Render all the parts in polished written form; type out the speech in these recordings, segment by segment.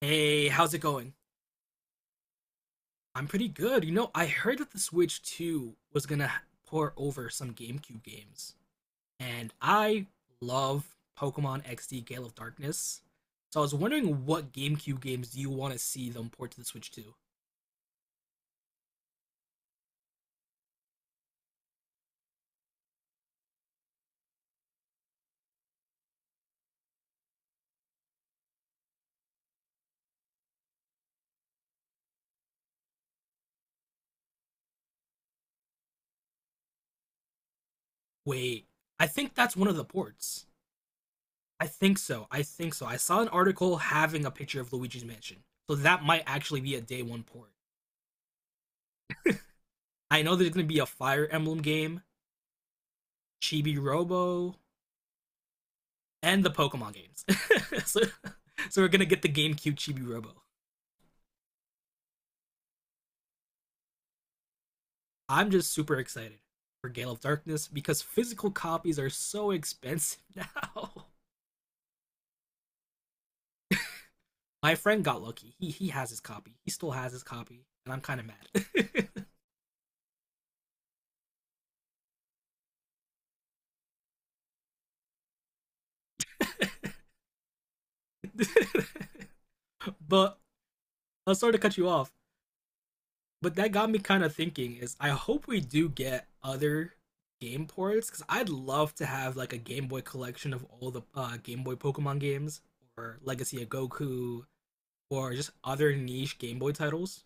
Hey, how's it going? I'm pretty good. You know, I heard that the Switch 2 was gonna pour over some GameCube games, and I love Pokemon XD Gale of Darkness. So I was wondering what GameCube games do you want to see them port to the Switch 2? Wait, I think that's one of the ports. I think so. I think so. I saw an article having a picture of Luigi's Mansion. So that might actually be a day one port. I know there's gonna be a Fire Emblem game, Chibi Robo, and the Pokemon games. so, so we're gonna get the GameCube Chibi Robo. I'm just super excited for Gale of Darkness because physical copies are so expensive now. My friend got lucky. He has his copy. He still has his copy, and I'm kind of mad. but I'm sorry to cut you off. But that got me kind of thinking. Is I hope we do get other game ports because I'd love to have like a Game Boy collection of all the Game Boy Pokemon games, or Legacy of Goku, or just other niche Game Boy titles.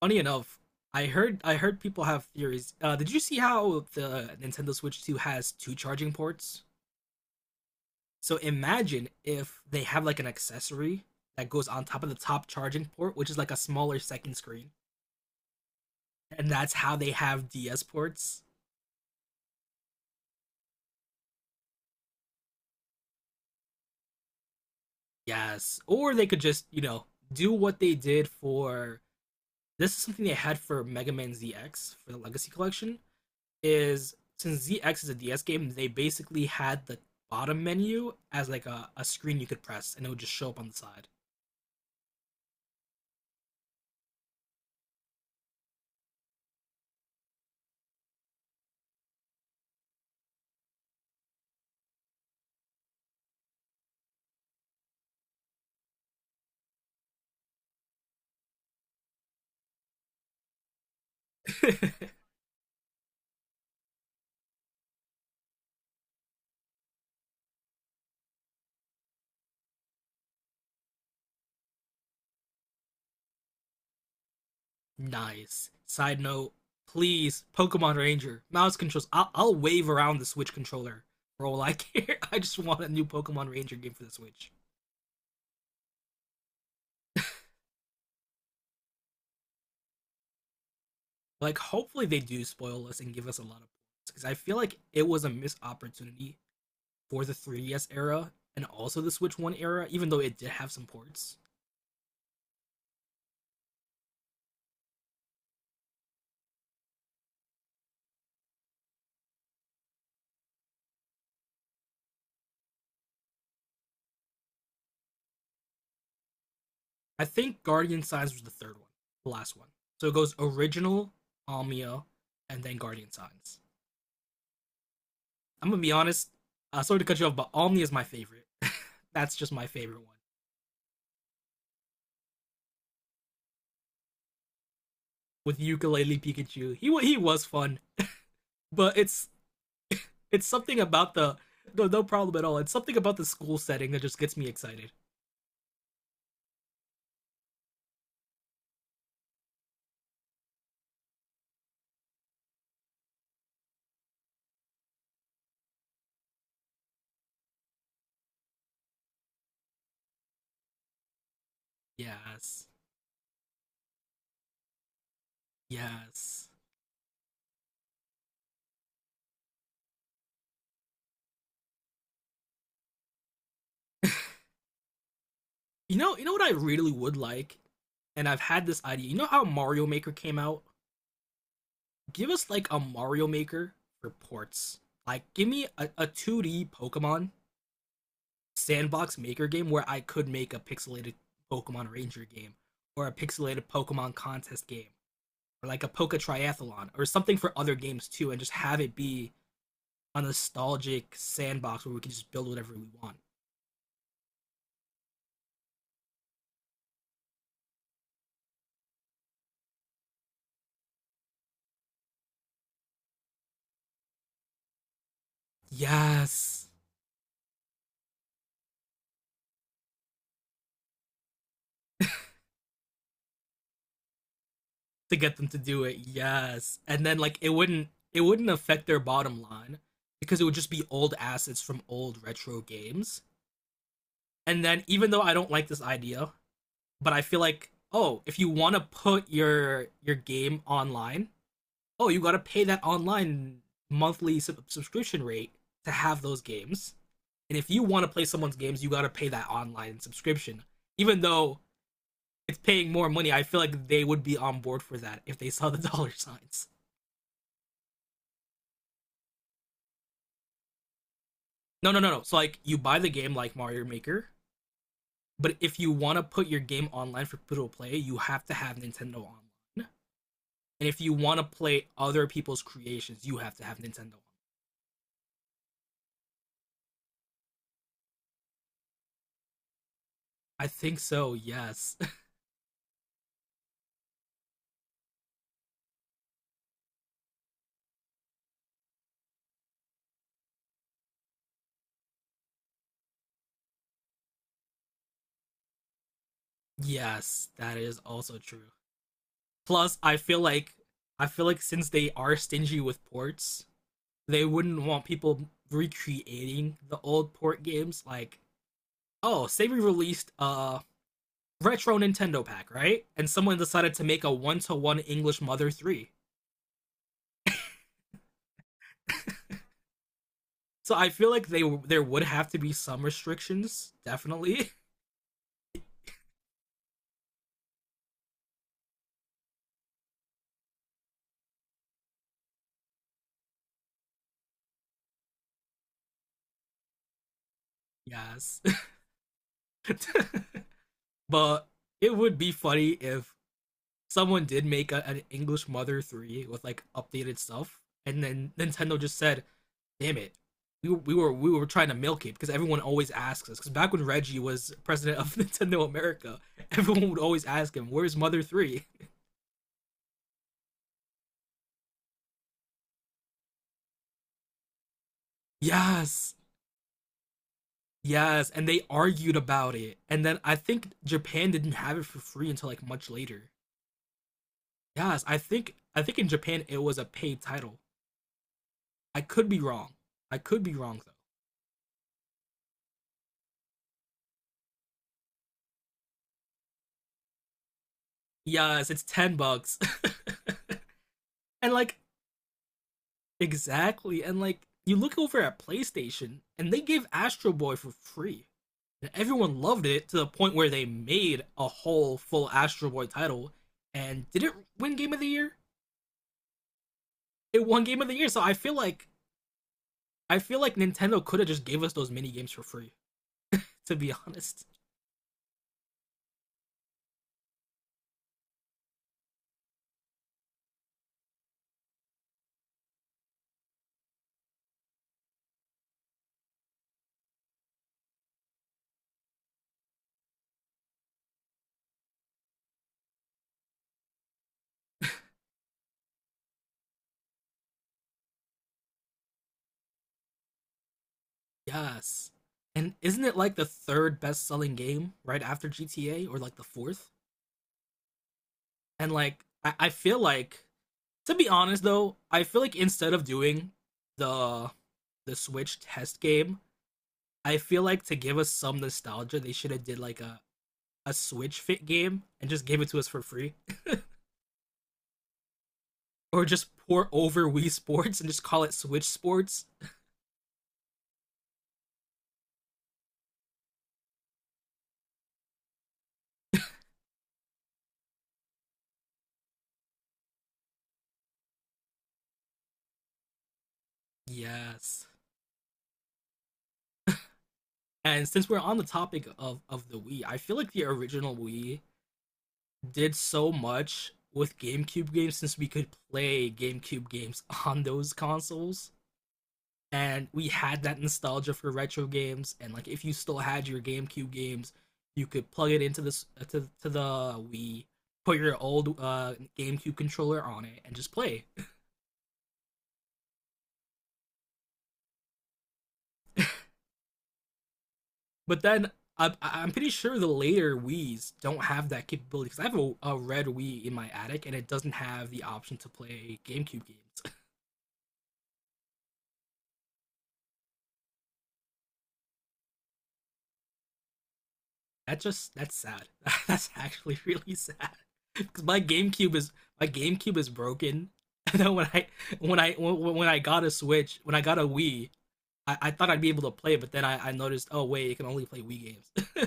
Funny enough, I heard people have theories. Did you see how the Nintendo Switch 2 has two charging ports? So imagine if they have like an accessory that goes on top of the top charging port, which is like a smaller second screen, and that's how they have DS ports. Yes, or they could just, you know, do what they did for, this is something they had for Mega Man ZX for the Legacy Collection. Is, since ZX is a DS game, they basically had the bottom menu as like a screen you could press and it would just show up on the side. Nice. Side note, please, Pokemon Ranger, mouse controls. I'll wave around the Switch controller for all I care. I just want a new Pokemon Ranger game for the Switch. Like, hopefully they do spoil us and give us a lot of points because I feel like it was a missed opportunity for the 3DS era and also the Switch 1 era, even though it did have some ports. I think Guardian Signs was the third one, the last one. So it goes original, Almia, and then Guardian Signs. I'm gonna be honest. Sorry to cut you off, but Omni is my favorite. That's just my favorite one with ukulele Pikachu. He was fun, but it's something about the, no, no problem at all. It's something about the school setting that just gets me excited. Yes, yes. You know, what I really would like, and I've had this idea. You know how Mario Maker came out, give us like a Mario Maker for ports. Like, give me a 2D Pokemon sandbox maker game where I could make a pixelated Pokemon Ranger game or a pixelated Pokemon contest game or like a Poke Triathlon or something for other games too and just have it be a nostalgic sandbox where we can just build whatever we want. Yes. To get them to do it. Yes. And then like it wouldn't affect their bottom line because it would just be old assets from old retro games. And then even though I don't like this idea, but I feel like, oh, if you want to put your game online, oh, you got to pay that online monthly subscription rate to have those games. And if you want to play someone's games, you got to pay that online subscription. Even though it's paying more money, I feel like they would be on board for that if they saw the dollar signs. No, no, no, no. So like you buy the game like Mario Maker, but if you want to put your game online for people to play, you have to have Nintendo online. And if you want to play other people's creations, you have to have Nintendo. I think so. Yes. Yes, that is also true. Plus, I feel like since they are stingy with ports, they wouldn't want people recreating the old port games like, oh, say we released a retro Nintendo pack, right? And someone decided to make a one-to-one English Mother 3. So I feel like they there would have to be some restrictions, definitely. Yes. But it would be funny if someone did make an English Mother 3 with like updated stuff, and then Nintendo just said, "Damn it, we were trying to milk it because everyone always asks us." Because back when Reggie was president of Nintendo America, everyone would always ask him, "Where's Mother 3?" Yes, yes, and they argued about it, and then I think Japan didn't have it for free until like much later. Yes, I think in Japan it was a paid title. I could be wrong. I could be wrong though. Yes, it's 10 bucks. And like, exactly. And like you look over at PlayStation and they gave Astro Boy for free. And everyone loved it to the point where they made a whole full Astro Boy title and did it win game of the year? It won game of the year. So I feel like Nintendo could have just gave us those mini games for free, to be honest. Yes. And isn't it like the third best selling game right after GTA or like the fourth? And like I feel like, to be honest though, I feel like instead of doing the the Switch test game, I feel like to give us some nostalgia, they should have did like a Switch fit game and just gave it to us for free, or just pour over Wii Sports and just call it Switch Sports. Yes. And since we're on the topic of the Wii, I feel like the original Wii did so much with GameCube games since we could play GameCube games on those consoles and we had that nostalgia for retro games and like if you still had your GameCube games, you could plug it into this to the Wii, put your old GameCube controller on it and just play. But then, I'm pretty sure the later Wii's don't have that capability because I have a red Wii in my attic and it doesn't have the option to play GameCube games. That's sad. That's actually really sad. Because my GameCube is broken. And then when I got when I got a Wii, I thought I'd be able to play it, but then I noticed, oh wait, it can only play Wii games.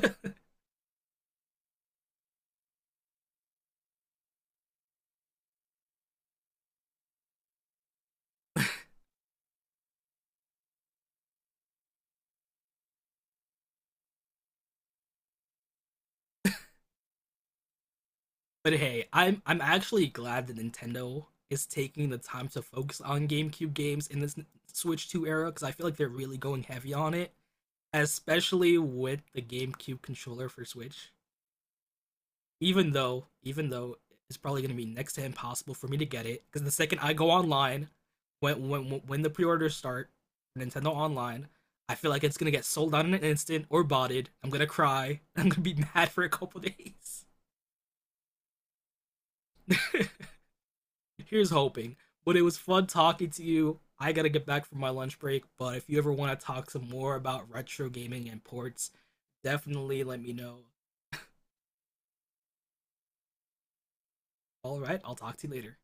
But hey, I'm actually glad that Nintendo is taking the time to focus on GameCube games in this Switch 2 era because I feel like they're really going heavy on it, especially with the GameCube controller for Switch. Even though it's probably going to be next to impossible for me to get it because the second I go online, when the pre-orders start, Nintendo Online, I feel like it's gonna get sold out in an instant or botted. I'm gonna cry. I'm gonna be mad for a couple days. Here's hoping. But it was fun talking to you. I gotta get back from my lunch break. But if you ever want to talk some more about retro gaming and ports, definitely let me know. All right, I'll talk to you later.